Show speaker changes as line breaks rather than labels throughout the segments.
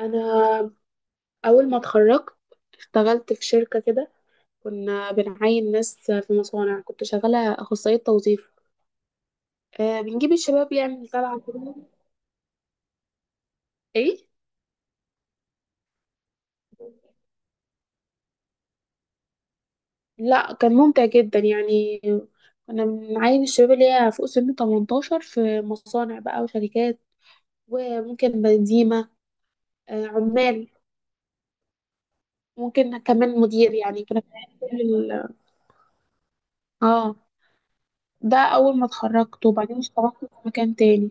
انا اول ما اتخرجت اشتغلت في شركه كده. كنا بنعين ناس في مصانع، كنت شغاله اخصائيه توظيف. بنجيب الشباب يعني، طالعه كده. ايه، لا كان ممتع جدا يعني. كنا بنعين الشباب اللي هي فوق سن 18 في مصانع بقى وشركات، وممكن بنزيمه، آه عمال، ممكن كمان مدير. يعني كنا بنعين كل ال- اه ده. اول ما اتخرجت، وبعدين اشتغلت في مكان تاني.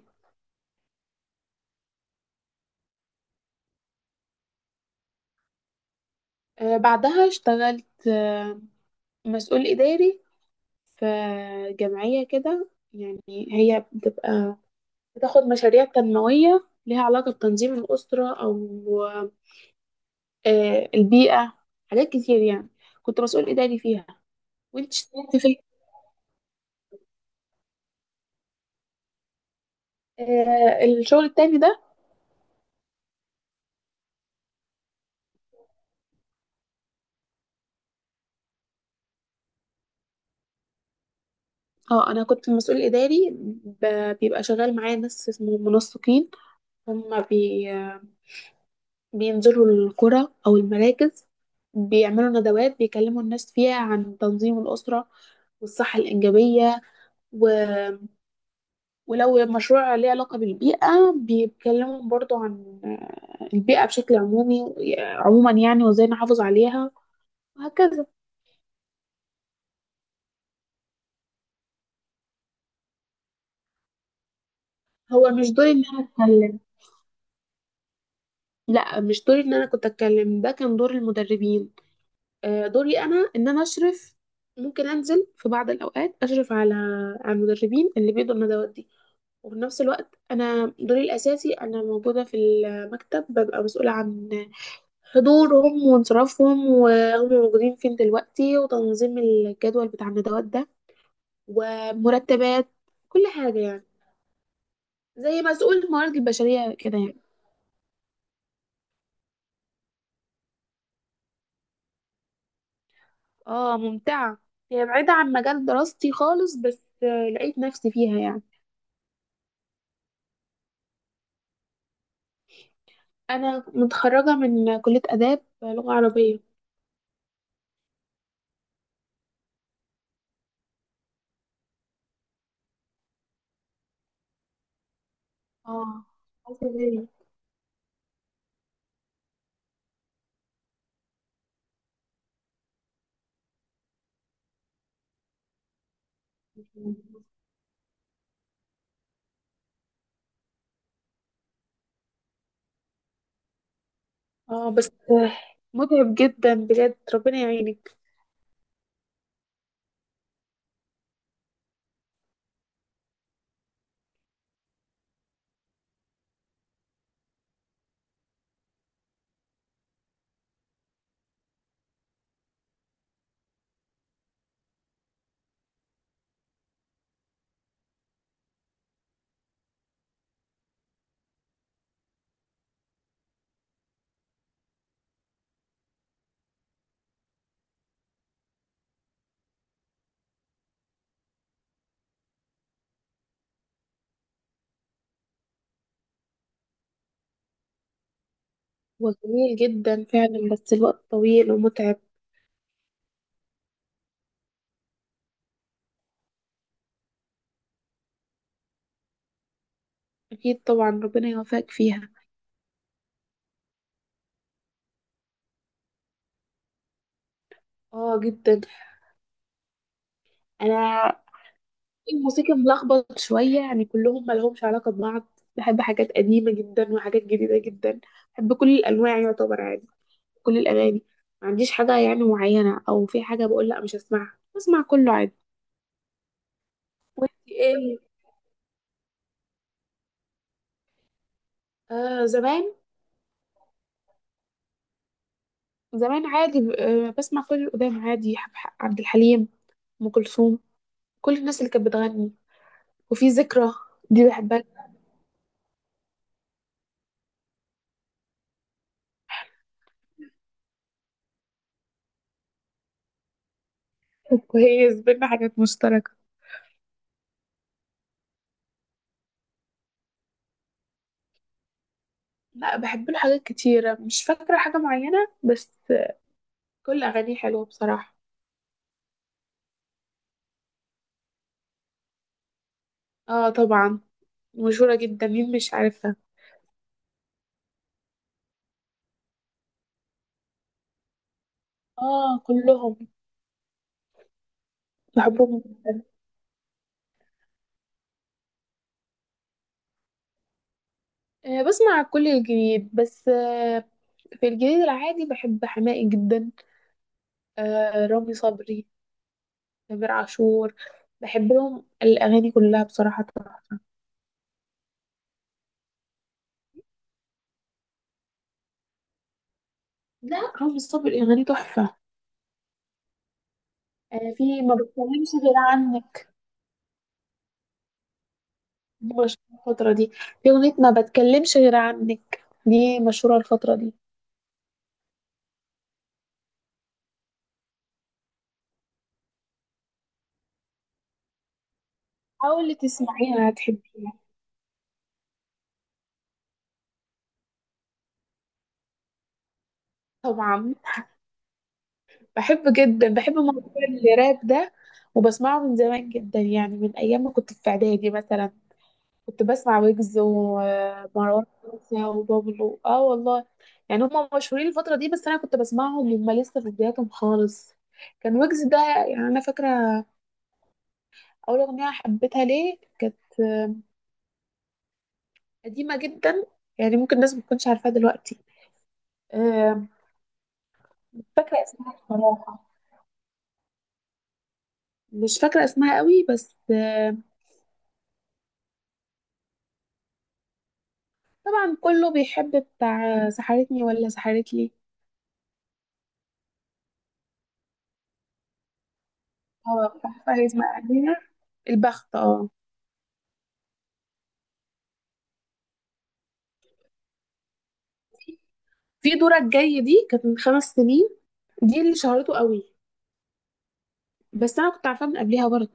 آه، بعدها اشتغلت مسؤول إداري في جمعية كده. يعني هي بتبقى بتاخد مشاريع تنموية ليها علاقة بتنظيم الأسرة أو البيئة، حاجات كتير يعني. كنت مسؤول إداري فيها. وانت اشتغلت فين؟ الشغل التاني ده. اه انا كنت مسؤول اداري، بيبقى شغال معايا ناس اسمهم منسقين. هم بي بينزلوا القرى او المراكز، بيعملوا ندوات، بيكلموا الناس فيها عن تنظيم الاسره والصحه الانجابيه و- ولو مشروع ليه علاقة بالبيئة بيتكلموا برضو عن البيئة بشكل عمومي، عموما يعني، وازاي نحافظ عليها وهكذا. هو مش دوري ان انا اتكلم، لا مش دوري ان انا كنت اتكلم، ده كان دور المدربين. دوري انا ان انا اشرف. ممكن انزل في بعض الاوقات اشرف على المدربين اللي بيدوا الندوات دي. وفي نفس الوقت انا دوري الاساسي انا موجودة في المكتب، ببقى مسؤولة عن حضورهم وانصرافهم وهم موجودين فين دلوقتي، وتنظيم الجدول بتاع الندوات ده، ومرتبات، كل حاجة يعني. زي مسؤول الموارد البشرية كده يعني. اه ممتعة، هي بعيدة عن مجال دراستي خالص، بس لقيت نفسي فيها يعني. أنا متخرجة من كلية آداب لغة عربية. اه عايزة أغير. اه بس متعب جدا بجد، ربنا يعينك. هو جميل جدا فعلا، بس الوقت طويل ومتعب. أكيد طبعا، ربنا يوفقك فيها. اه جدا. أنا الموسيقى ملخبط شوية يعني، كلهم ملهمش علاقة ببعض. بحب حاجات قديمة جدا وحاجات جديدة جدا. بحب كل الأنواع يعتبر عادي، كل الأغاني، ما عنديش حاجة يعني معينة، أو في حاجة بقول لأ مش هسمعها، بسمع كله عادي. وانت ايه؟ آه زمان. زمان عادي، بسمع كل القدام عادي. عبد الحليم، أم كلثوم، كل الناس اللي كانت بتغني. وفي ذكرى دي بحبها. كويس، بينا حاجات مشتركة. لا بحب له حاجات كتيرة مش فاكرة حاجة معينة، بس كل أغانيه حلوة بصراحة. اه طبعا، مشهورة جدا، مين مش عارفها. اه كلهم، بحبهم. آه بسمع كل الجديد، بس في الجديد العادي بحب حماقي جدا. آه رامي صبري، تامر عاشور، بحب لهم الأغاني كلها بصراحة تحفة. لا رامي صبري أغاني تحفة. في ما بتكلمش غير عنك، مشهورة الفترة دي. في أغنية ما بتكلمش غير عنك دي مشهورة الفترة دي. حاولي تسمعيها هتحبيها. طبعا، بحب جدا، بحب موضوع الراب ده وبسمعه من زمان جدا يعني. من أيام ما كنت في إعدادي مثلا كنت بسمع ويجز ومروان موسى وبابلو. اه والله، يعني هما مشهورين الفترة دي، بس أنا كنت بسمعهم وهم لسه في بداياتهم خالص. كان ويجز ده يعني، أنا فاكرة أول أغنية حبيتها ليه كانت قديمة جدا، يعني ممكن الناس ما تكونش عارفاها دلوقتي. آه، فاكرة اسمها إيه؟ بصراحة مش فاكرة اسمها قوي، بس طبعا كله بيحب بتاع سحرتني ولا سحرت لي. اه بتاع فايز مقادير، البخت، اه. في دورك جاي دي كانت من 5 سنين، دي اللي شهرته قوي، بس انا كنت عارفاها من قبلها برضه.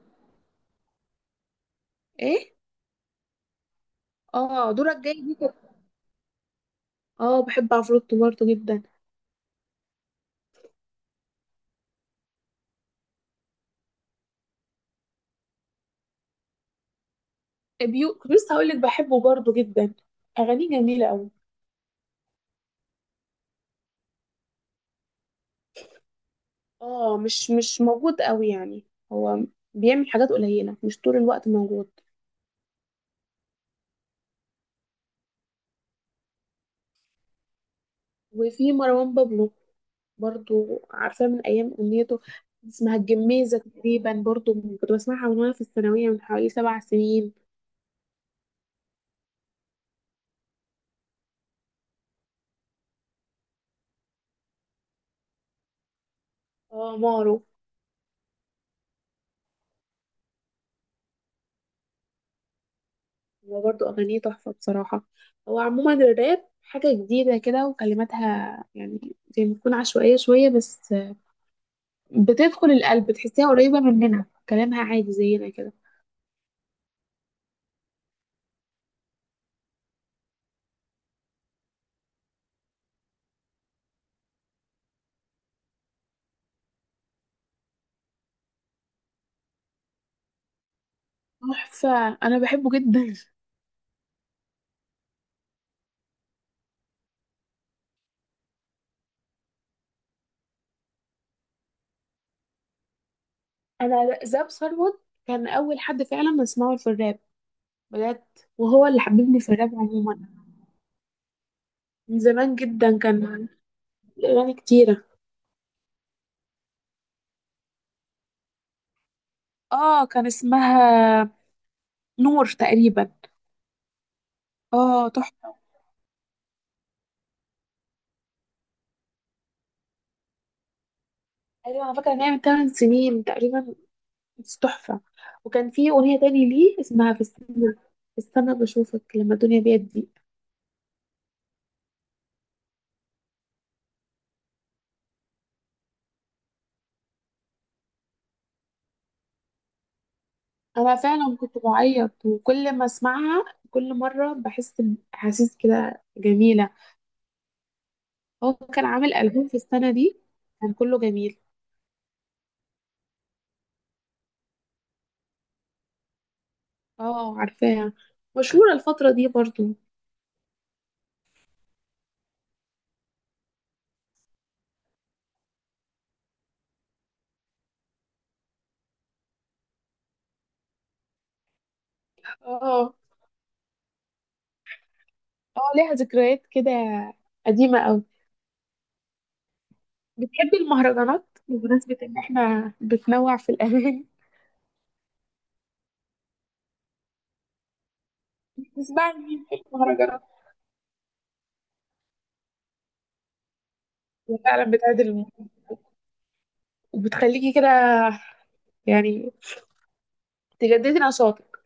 ايه. اه دورك جاي دي كانت. اه بحب عفروتو برضه جدا. بيو كنت لسه هقول لك بحبه برضه جدا، اغانيه جميلة قوي. اه مش موجود قوي يعني. هو بيعمل حاجات قليلة، مش طول الوقت موجود. وفي مروان بابلو برضو عارفاه من أيام أغنيته اسمها الجميزة تقريبا، برضو كنت بسمعها من وأنا في الثانوية، من حوالي 7 سنين. اه مارو، هو برضو أغانيه تحفة بصراحة. هو عموما الراب حاجة جديدة كده، وكلماتها يعني زي ما تكون عشوائية شوية، بس بتدخل القلب، تحسيها قريبة مننا، كلامها عادي زينا كده. تحفة، أنا بحبه جدا. انا زاب ثروت كان اول حد فعلا اسمعه في الراب بجد، وهو اللي حببني في الراب عموما. من زمان جدا كان اغاني كتيره. اه كان اسمها نور تقريبا. اه تحفه. ايوه انا فاكره ان هي من 8 سنين تقريبا، بس تحفه. وكان في اغنيه تاني ليه اسمها في السنه، في السنه بشوفك لما الدنيا بيضيق. انا فعلا كنت بعيط، وكل ما اسمعها كل مره بحس باحاسيس كده جميله. هو كان عامل ألبوم في السنة دي، كان كله جميل. اه عارفاها، مشهورة الفترة دي برضو. اه. اه ليها ذكريات كده قديمة أوي. بتحبي المهرجانات؟ بمناسبة إن احنا بتنوع في الأغاني. بتسمعي مين في المهرجانات؟ وفعلا بتعدل المود، وبتخليكي كده يعني تجددي نشاطك.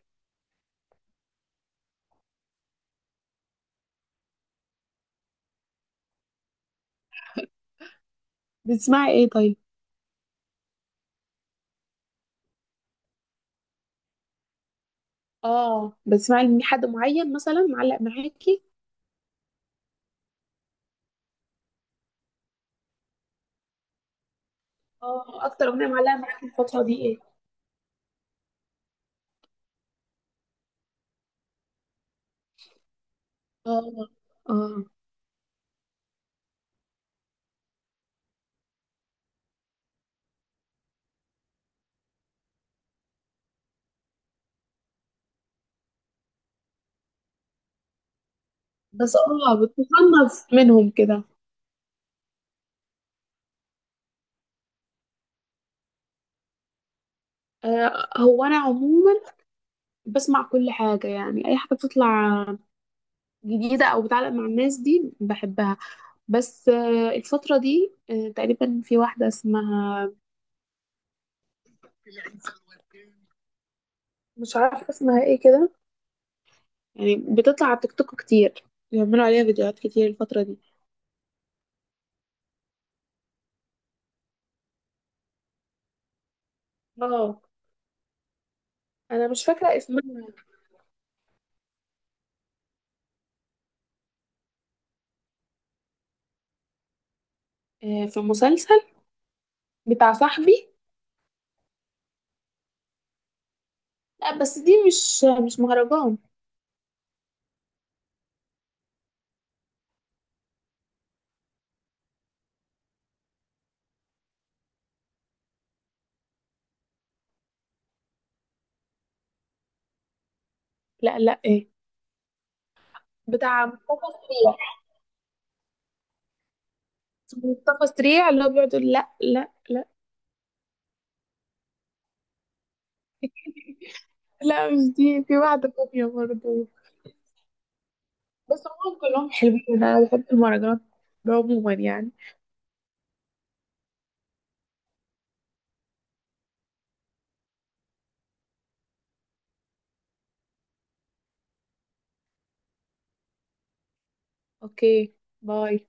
بتسمعي ايه طيب؟ اه، بتسمعي لمين؟ حد معين مثلا معلق معاكي؟ اه أكتر أغنية معلقة معاكي الفترة دي ايه؟ اه. اه بس بتتخلص منهم كده. هو انا عموما بسمع كل حاجه يعني، اي حاجه بتطلع جديده او بتعلق مع الناس دي بحبها. بس الفتره دي تقريبا في واحده اسمها، مش عارفه اسمها ايه كده، يعني بتطلع على تيك توك كتير، بيعملوا عليها فيديوهات كتير الفتره دي. اه انا مش فاكره اسمها. في مسلسل بتاع صاحبي، لا بس دي مش مهرجان. لا لا ايه. بتاع مصطفى سعيد، مصطفى سريع اللي هو بيقعد يقول لا لا لا. لا مش دي، في واحدة تانية برضه. بس هم كلهم حلوين، أنا بحب المهرجانات عموما يعني. أوكي، باي.